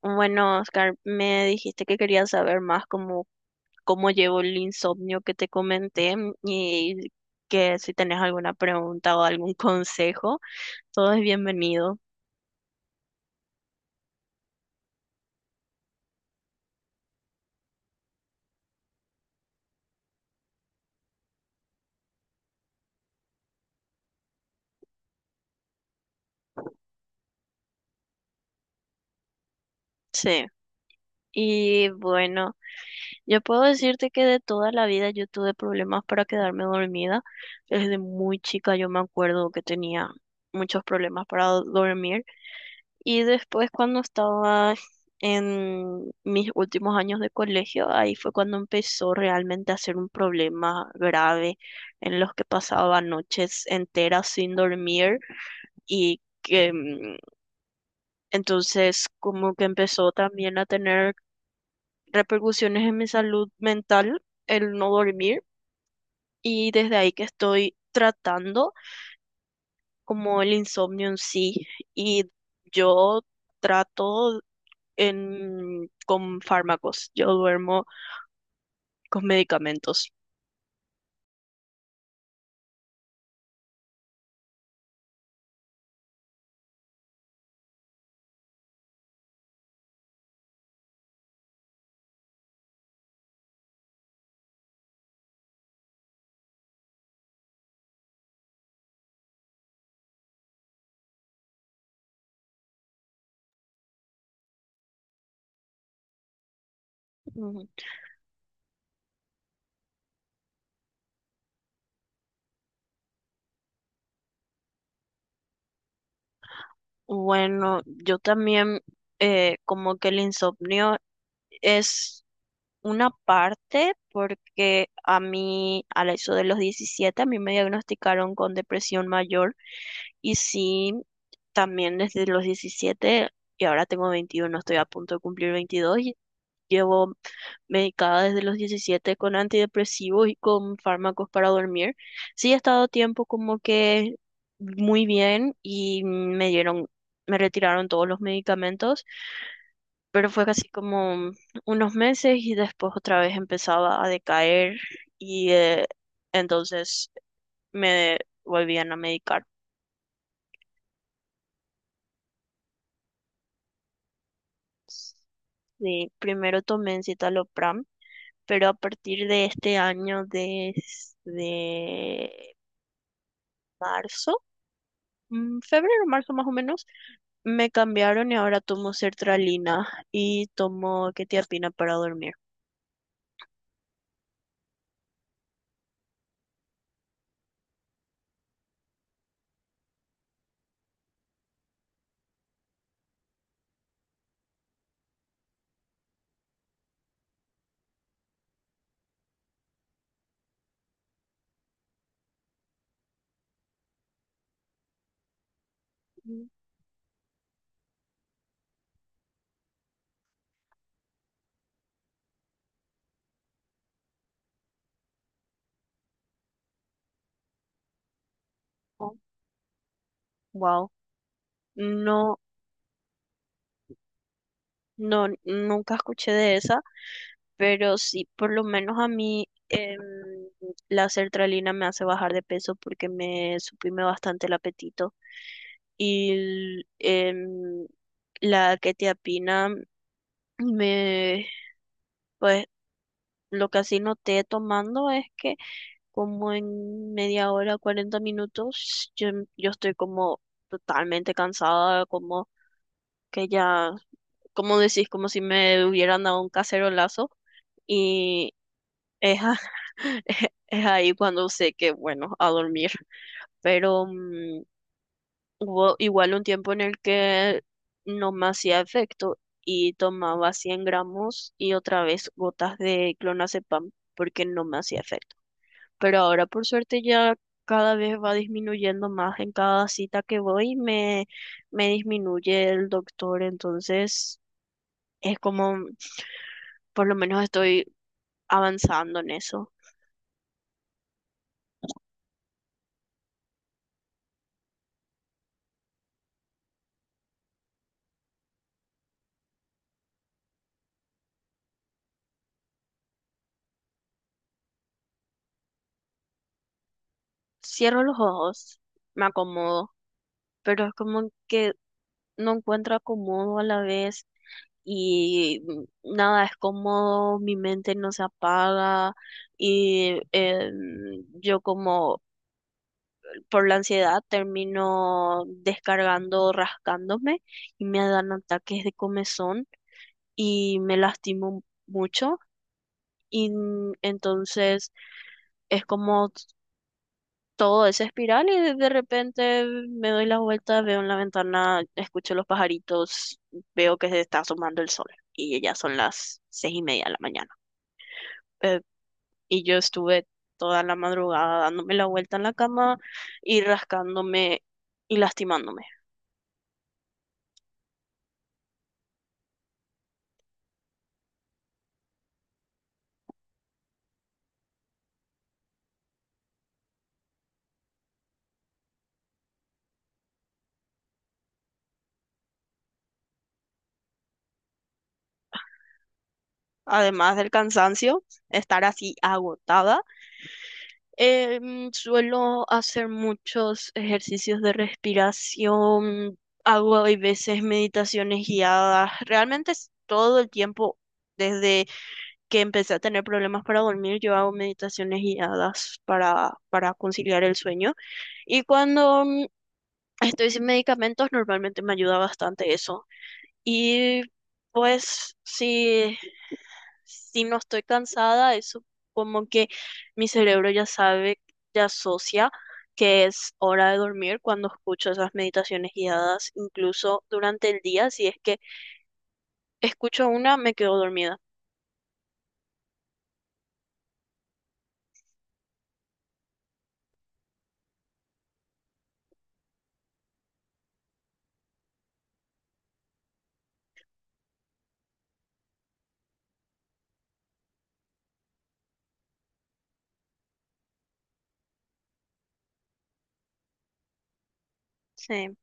Bueno, Oscar, me dijiste que querías saber más cómo llevo el insomnio que te comenté y que si tenés alguna pregunta o algún consejo, todo es bienvenido. Sí. Y bueno, yo puedo decirte que de toda la vida yo tuve problemas para quedarme dormida. Desde muy chica yo me acuerdo que tenía muchos problemas para dormir. Y después cuando estaba en mis últimos años de colegio, ahí fue cuando empezó realmente a ser un problema grave en los que pasaba noches enteras sin dormir y que entonces como que empezó también a tener repercusiones en mi salud mental el no dormir, y desde ahí que estoy tratando como el insomnio en sí. Y yo trato en, con fármacos, yo duermo con medicamentos. Ujú. Bueno, yo también como que el insomnio es una parte porque a mí, eso de los 17 a mí me diagnosticaron con depresión mayor, y sí, también desde los 17. Y ahora tengo 21, estoy a punto de cumplir 22, y llevo medicada desde los 17 con antidepresivos y con fármacos para dormir. Sí, he estado tiempo como que muy bien y me dieron, me retiraron todos los medicamentos, pero fue casi como unos meses y después otra vez empezaba a decaer y entonces me volvían a medicar. Sí, primero tomé citalopram, pero a partir de este año, desde marzo, febrero, marzo más o menos, me cambiaron y ahora tomo sertralina y tomo quetiapina para dormir. Mm. Oh. Wow. No, no, nunca escuché de esa, pero sí, por lo menos a mí la sertralina me hace bajar de peso porque me suprime bastante el apetito. Y la quetiapina me, pues, lo que así noté tomando es que como en media hora, 40 minutos, yo, yo estoy como totalmente cansada, como que ya, como decís, como si me hubieran dado un cacerolazo. Y es, es ahí cuando sé que, bueno, a dormir. Pero hubo igual un tiempo en el que no me hacía efecto y tomaba 100 gramos y otra vez gotas de clonazepam porque no me hacía efecto. Pero ahora por suerte ya cada vez va disminuyendo más. En cada cita que voy me, me disminuye el doctor, entonces es como, por lo menos estoy avanzando en eso. Cierro los ojos, me acomodo, pero es como que no encuentro acomodo a la vez, y nada es cómodo, mi mente no se apaga, y yo como por la ansiedad termino descargando, rascándome, y me dan ataques de comezón y me lastimo mucho. Y entonces es como todo esa espiral. Y de repente me doy la vuelta, veo en la ventana, escucho los pajaritos, veo que se está asomando el sol, y ya son las 6:30 de la mañana. Eh, y yo estuve toda la madrugada dándome la vuelta en la cama y rascándome y lastimándome. Además del cansancio, estar así agotada. Suelo hacer muchos ejercicios de respiración, hago a veces meditaciones guiadas. Realmente es todo el tiempo, desde que empecé a tener problemas para dormir, yo hago meditaciones guiadas para conciliar el sueño. Y cuando estoy sin medicamentos, normalmente me ayuda bastante eso. Y pues sí. Si no estoy cansada, eso como que mi cerebro ya sabe, ya asocia que es hora de dormir cuando escucho esas meditaciones guiadas, incluso durante el día, si es que escucho una, me quedo dormida. Sí,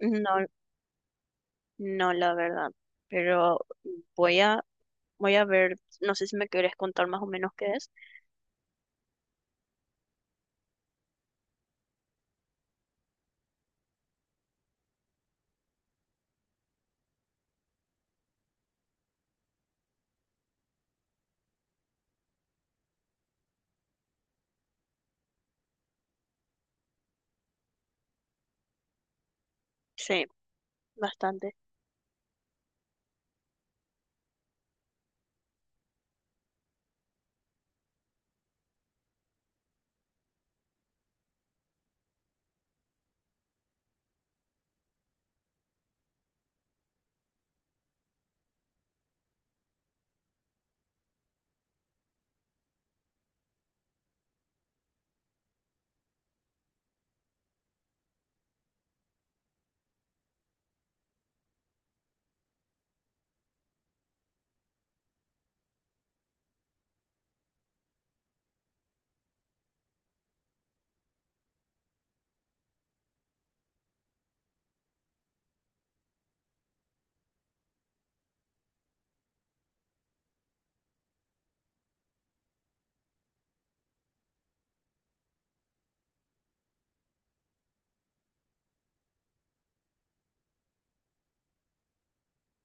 no, no, la verdad, pero voy a, voy a ver, no sé si me querés contar más o menos qué es. Sí, bastante.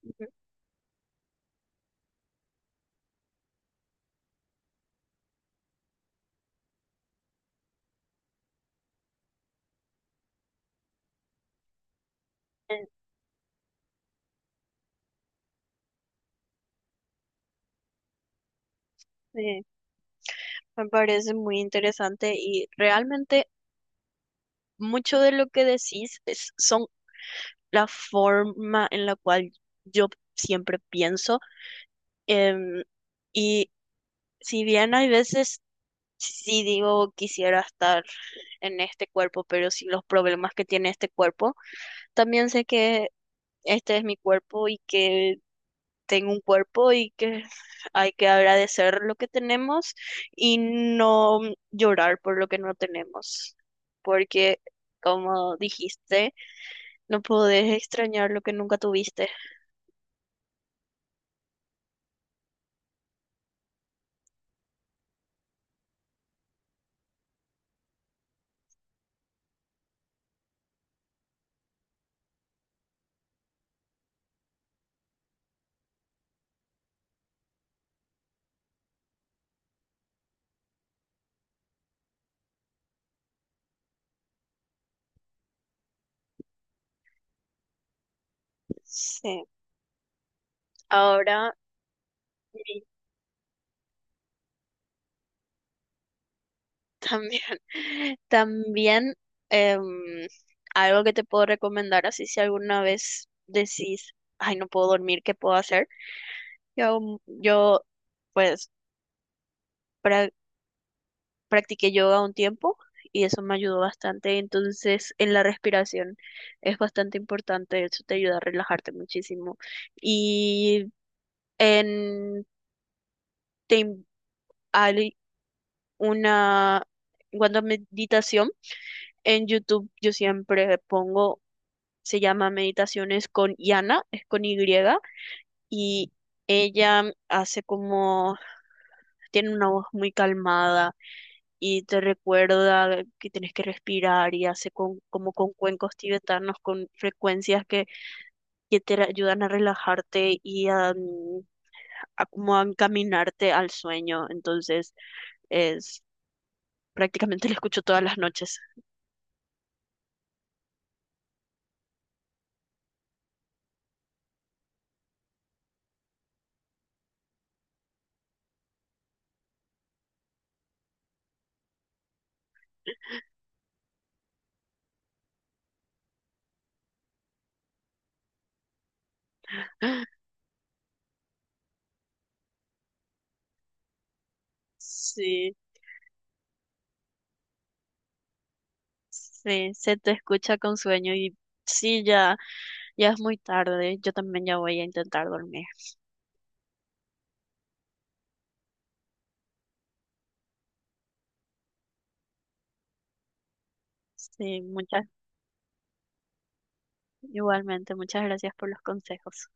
Ujú. Eh, Sí, me parece muy interesante, y realmente mucho de lo que decís es, son la forma en la cual yo siempre pienso. em, y si bien hay veces sí digo quisiera estar en este cuerpo, pero si los problemas que tiene este cuerpo, también sé que este es mi cuerpo y que tengo un cuerpo y que hay que agradecer lo que tenemos y no llorar por lo que no tenemos, porque, como dijiste, no podés extrañar lo que nunca tuviste. Sí. Ahora y también, también em, algo que te puedo recomendar, así si alguna vez decís, ay, no puedo dormir, ¿qué puedo hacer? Yo pues pra- practiqué yoga un tiempo y eso me ayudó bastante. Entonces, en la respiración es bastante importante, eso te ayuda a relajarte muchísimo. Y en, te, in- hay una, cuando a meditación, en YouTube yo siempre pongo, se llama Meditaciones con Yana, es con Y, y ella hace como, tiene una voz muy calmada y te recuerda que tienes que respirar y hace con, como con cuencos tibetanos, con frecuencias que te ayudan a relajarte y a como a encaminarte al sueño. Entonces es prácticamente la escucho todas las noches. Sí. Sí, se te escucha con sueño, y sí, ya, ya es muy tarde. Yo también ya voy a intentar dormir. Sí, muchas, igualmente, muchas gracias por los consejos.